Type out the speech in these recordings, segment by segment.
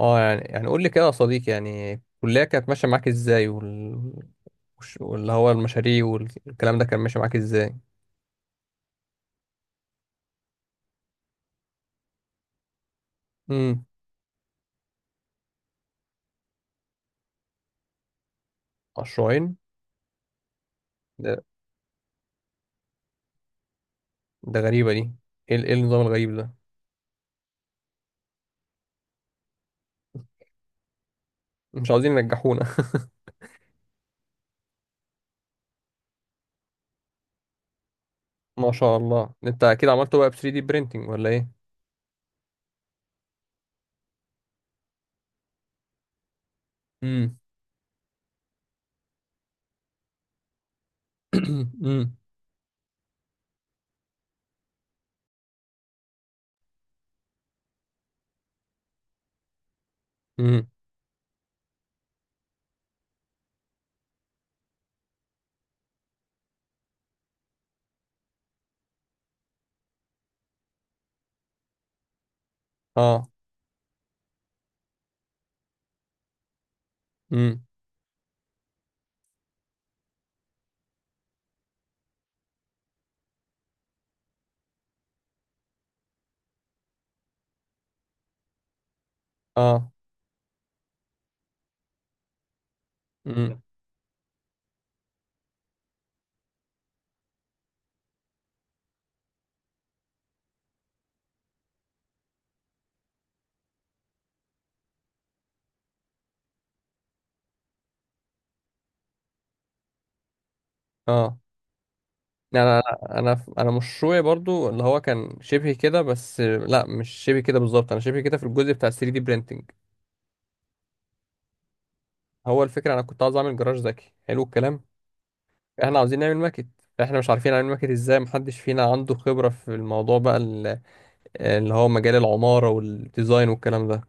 يعني قول لي كده يا صديقي، يعني الكلية كانت ماشية معاك ازاي واللي هو المشاريع والكلام ده كان ماشي معاك ازاي؟ امم. مشروعين. ده ده غريبة دي. ايه النظام الغريب ده؟ مش عاوزين ينجحونا. ما شاء الله انت اكيد عملته بقى ب 3D printing ولا ايه؟ امم. امم، امم. اه. امم. اه. امم. اه. يعني انا، انا مشروعي برضو اللي هو كان شبه كده، بس لا مش شبه كده بالظبط، انا شبه كده في الجزء بتاع 3D printing. هو الفكرة أنا كنت عاوز أعمل جراج ذكي، حلو الكلام. إحنا عاوزين نعمل ماكت. إحنا مش عارفين نعمل ماكت إزاي، محدش فينا عنده خبرة في الموضوع بقى اللي هو مجال العمارة والديزاين والكلام ده.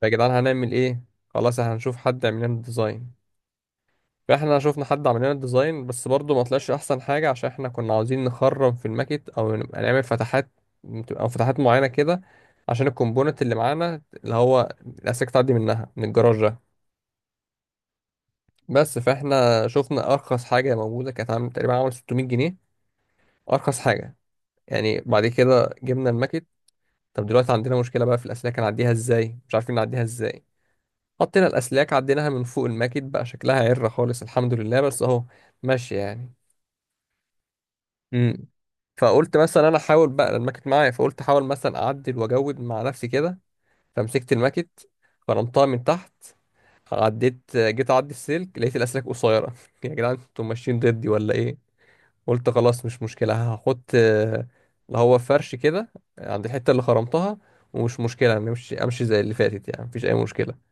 فيا جدعان هنعمل إيه؟ خلاص إحنا هنشوف حد يعمل لنا الديزاين. فإحنا شوفنا حد عمل لنا الديزاين بس برضه ما طلعش أحسن حاجة، عشان إحنا كنا عاوزين نخرم في الماكت أو نبقى نعمل فتحات، أو فتحات معينة كده، عشان الكومبوننت اللي معانا اللي هو الأسلاك تعدي منها من الجراج ده. بس فاحنا شفنا ارخص حاجه موجوده كانت عامل تقريبا عامل 600 جنيه، ارخص حاجه يعني. بعد كده جبنا الماكت، طب دلوقتي عندنا مشكله بقى في الاسلاك هنعديها ازاي؟ مش عارفين نعديها ازاي. حطينا الاسلاك عديناها من فوق الماكت، بقى شكلها عره خالص، الحمد لله بس اهو ماشي يعني. امم. فقلت مثلا انا احاول بقى الماكت معايا، فقلت احاول مثلا اعدل واجود مع نفسي كده. فمسكت الماكت فرمتها من تحت، عديت جيت اعدي السلك لقيت الاسلاك قصيره. يا جدعان انتوا ماشيين ضدي ولا ايه؟ قلت خلاص مش مشكلة، هحط اللي هو فرش كده عند الحتة اللي خرمتها، ومش مشكلة نمشي، أمشي زي اللي فاتت يعني، مفيش أي مشكلة.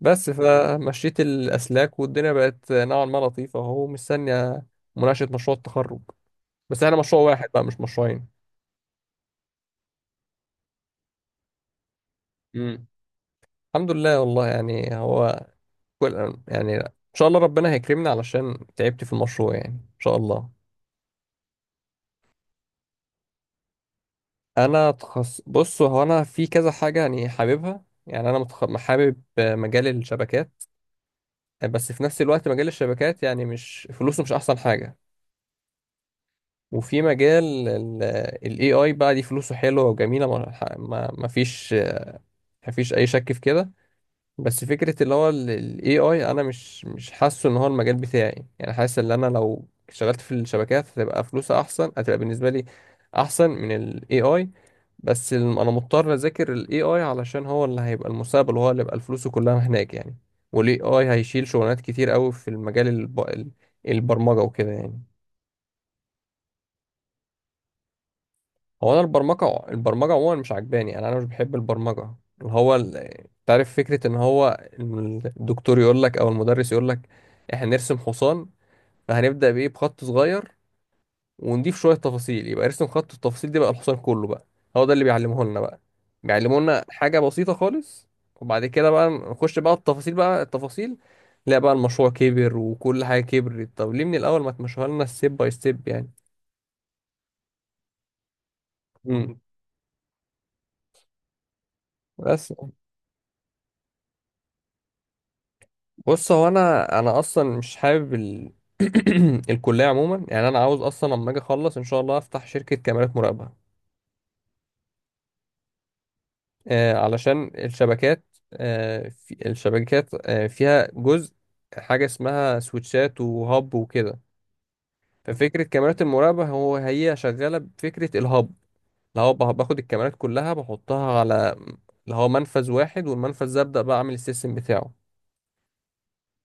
بس فمشيت الأسلاك والدنيا بقت نوعا ما لطيفة وهو مستنية مناقشة مشروع التخرج. بس احنا مشروع واحد بقى مش مشروعين. امم. الحمد لله والله، يعني هو كل، يعني إن شاء الله ربنا هيكرمني علشان تعبت في المشروع يعني، إن شاء الله. أنا بص، هو أنا في كذا حاجة يعني حاببها، يعني أنا حابب مجال الشبكات. بس في نفس الوقت مجال الشبكات يعني مش فلوسه مش احسن حاجة. وفي مجال الاي اي بقى دي فلوسه حلوة وجميلة، ما فيش اي شك في كده. بس فكرة اللي هو الاي اي انا مش حاسه ان هو المجال بتاعي، يعني حاسس ان انا لو اشتغلت في الشبكات هتبقى فلوسها احسن، هتبقى بالنسبة لي احسن من الاي اي. بس انا مضطر اذاكر الاي اي علشان هو اللي هيبقى المستقبل وهو اللي هيبقى فلوسه كلها هناك يعني. والاي اي هيشيل شغلانات كتير قوي في المجال البرمجه وكده يعني. هو انا البرمجه عموما مش عجباني، انا مش بحب البرمجه. اللي هو تعرف فكره ان هو الدكتور يقول لك او المدرس يقول لك احنا نرسم حصان، فهنبدا بايه؟ بخط صغير ونضيف شويه تفاصيل، يبقى رسم خط، التفاصيل دي بقى الحصان كله بقى. هو ده اللي بيعلمه لنا بقى، بيعلمه لنا حاجه بسيطه خالص. وبعد كده بقى نخش بقى التفاصيل، لا بقى المشروع كبر وكل حاجه كبرت. طب ليه من الاول ما تمشوها لنا ستيب باي ستيب يعني؟ امم. بس. بص هو انا اصلا مش حابب الكليه عموما يعني، انا عاوز اصلا لما اجي اخلص ان شاء الله افتح شركه كاميرات مراقبه. علشان الشبكات، في الشبكات فيها جزء، حاجة اسمها سويتشات وهاب وكده. ففكرة كاميرات المراقبة هو هي شغالة بفكرة الهاب، اللي هو باخد الكاميرات كلها بحطها على اللي هو منفذ واحد، والمنفذ ده أبدأ بقى أعمل السيستم بتاعه.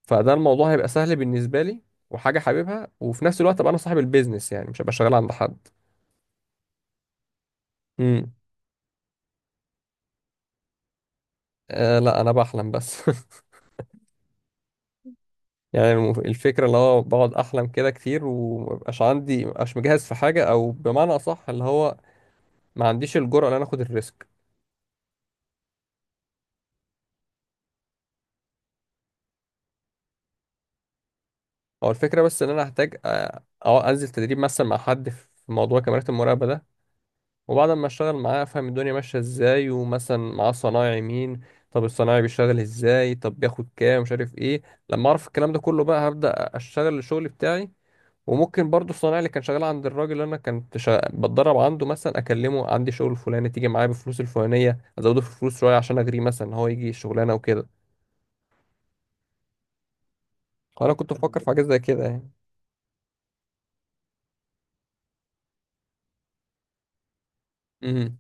فده الموضوع هيبقى سهل بالنسبة لي، وحاجة حاببها، وفي نفس الوقت أبقى أنا صاحب البيزنس يعني مش هبقى شغال عند حد. امم. آه لا أنا بحلم بس. يعني الفكرة اللي هو بقعد أحلم كده كتير ومبقاش عندي، مبقاش مجهز في حاجة، أو بمعنى أصح اللي هو ما عنديش الجرأة إن أنا آخد الريسك. هو الفكرة بس إن أنا هحتاج أو أنزل تدريب مثلا مع حد في موضوع كاميرات المراقبة ده، وبعد ما أشتغل معاه أفهم الدنيا ماشية إزاي، ومثلا معاه صنايعي مين، طب الصنايعي بيشتغل إزاي، طب بياخد كام مش عارف إيه. لما أعرف الكلام ده كله بقى هبدأ أشتغل الشغل بتاعي. وممكن برضو الصنايعي اللي كان شغال عند الراجل اللي انا كنت بتدرب عنده، مثلا اكلمه عندي شغل فلاني تيجي معايا بالفلوس الفلانيه، ازوده في الفلوس شويه عشان اغريه مثلا ان هو يجي الشغلانه وكده. فانا كنت بفكر في حاجات زي كده يعني. امم.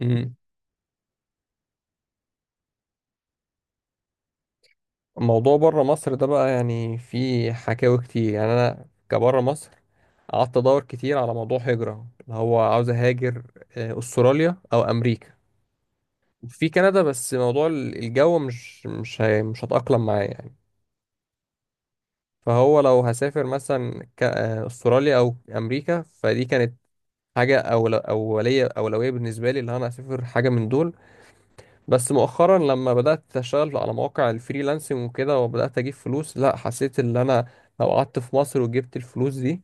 امم. الموضوع بره مصر ده بقى يعني فيه حكاوي كتير يعني. انا كبره مصر قعدت ادور كتير على موضوع هجره اللي هو عاوز اهاجر، استراليا او امريكا، في كندا بس موضوع الجو مش هتأقلم معايا. فهو لو هسافر مثلا استراليا او امريكا، فدي كانت حاجه أول اوليه اولويه بالنسبه لي، اللي انا اسافر حاجه من دول. بس مؤخرا لما بدات اشتغل على مواقع الفريلانسنج وكده وبدات اجيب فلوس، لا حسيت ان انا لو قعدت في مصر وجبت الفلوس دي،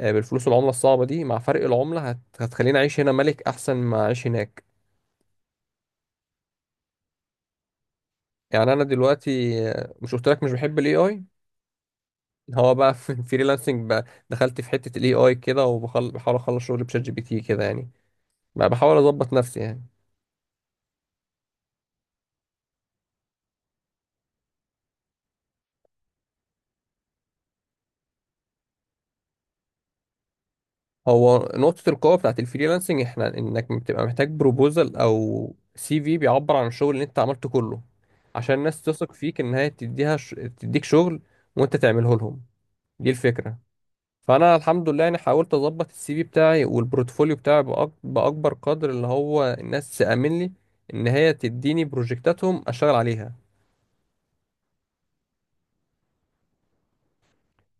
بالفلوس العمله الصعبه دي مع فرق العمله هتخليني اعيش هنا ملك احسن ما اعيش هناك. يعني انا دلوقتي، مش قلت لك مش بحب الاي اي؟ هو بقى في الفريلانسنج بقى دخلت في حته الاي اي كده، وبحاول اخلص شغل بشات جي بي تي كده يعني، ما بحاول اظبط نفسي يعني. هو نقطة القوة بتاعت الفريلانسنج احنا انك بتبقى محتاج بروبوزل او سي في بيعبر عن الشغل اللي انت عملته كله عشان الناس تثق فيك ان هي تديك شغل وانت تعمله لهم، دي الفكرة. فانا الحمد لله يعني حاولت اظبط السي في بتاعي والبورتفوليو بتاعي باكبر قدر، اللي هو الناس تأمن لي ان هي تديني بروجكتاتهم اشتغل عليها.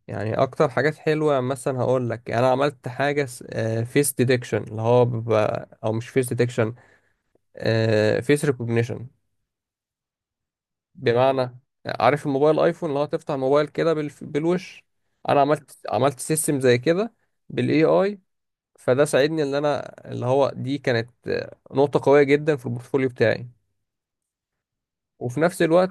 يعني اكتر حاجات حلوه مثلا هقول لك، انا عملت حاجه فيس ديتكشن اللي هو بيبقى، او مش فيس ديتكشن، فيس ريكوجنيشن. بمعنى عارف الموبايل ايفون اللي هو تفتح الموبايل كده بالوش؟ انا عملت سيستم زي كده بالاي اي. فده ساعدني ان انا اللي هو دي كانت نقطه قويه جدا في البورتفوليو بتاعي. وفي نفس الوقت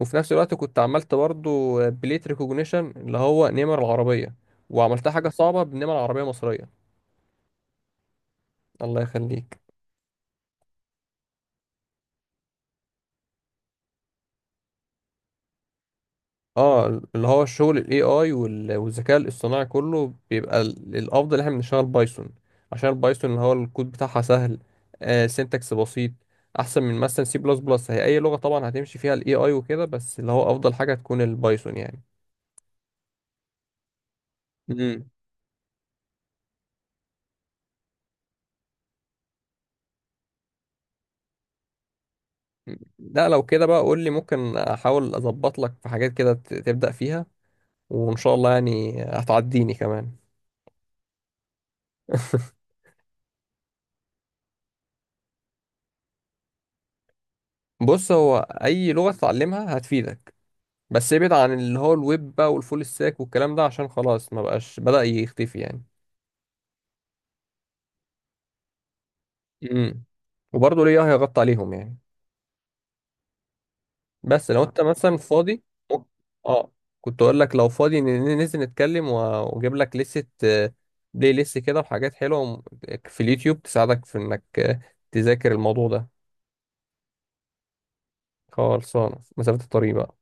وفي نفس الوقت كنت عملت برضو بليت ريكوجنيشن اللي هو نمر العربيه، وعملتها حاجه صعبه بنمر عربيه مصريه. الله يخليك. اه اللي هو الشغل الاي اي والذكاء الاصطناعي كله بيبقى الافضل احنا بنشتغل بايثون، عشان البايثون اللي هو الكود بتاعها سهل، سينتاكس بسيط، احسن من مثلا سي بلس بلس. هي اي لغة طبعا هتمشي فيها الاي اي وكده بس اللي هو افضل حاجة تكون البايثون يعني. امم. لا لو كده بقى قول لي، ممكن احاول اظبط لك في حاجات كده تبدأ فيها، وان شاء الله يعني هتعديني كمان. بص هو اي لغة تتعلمها هتفيدك، بس ابعد عن اللي هو الويب بقى والفول ستاك والكلام ده عشان خلاص ما بقاش، بدأ يختفي يعني. امم. وبرضه ليه هيغطي عليهم يعني. بس لو انت مثلا فاضي ممكن- اه، كنت اقول لك لو فاضي ننزل نتكلم واجيب لك لستة، بلاي ليست كده وحاجات حلوة في اليوتيوب تساعدك في انك تذاكر الموضوع ده. خلصانة مسافة الطريق بقى.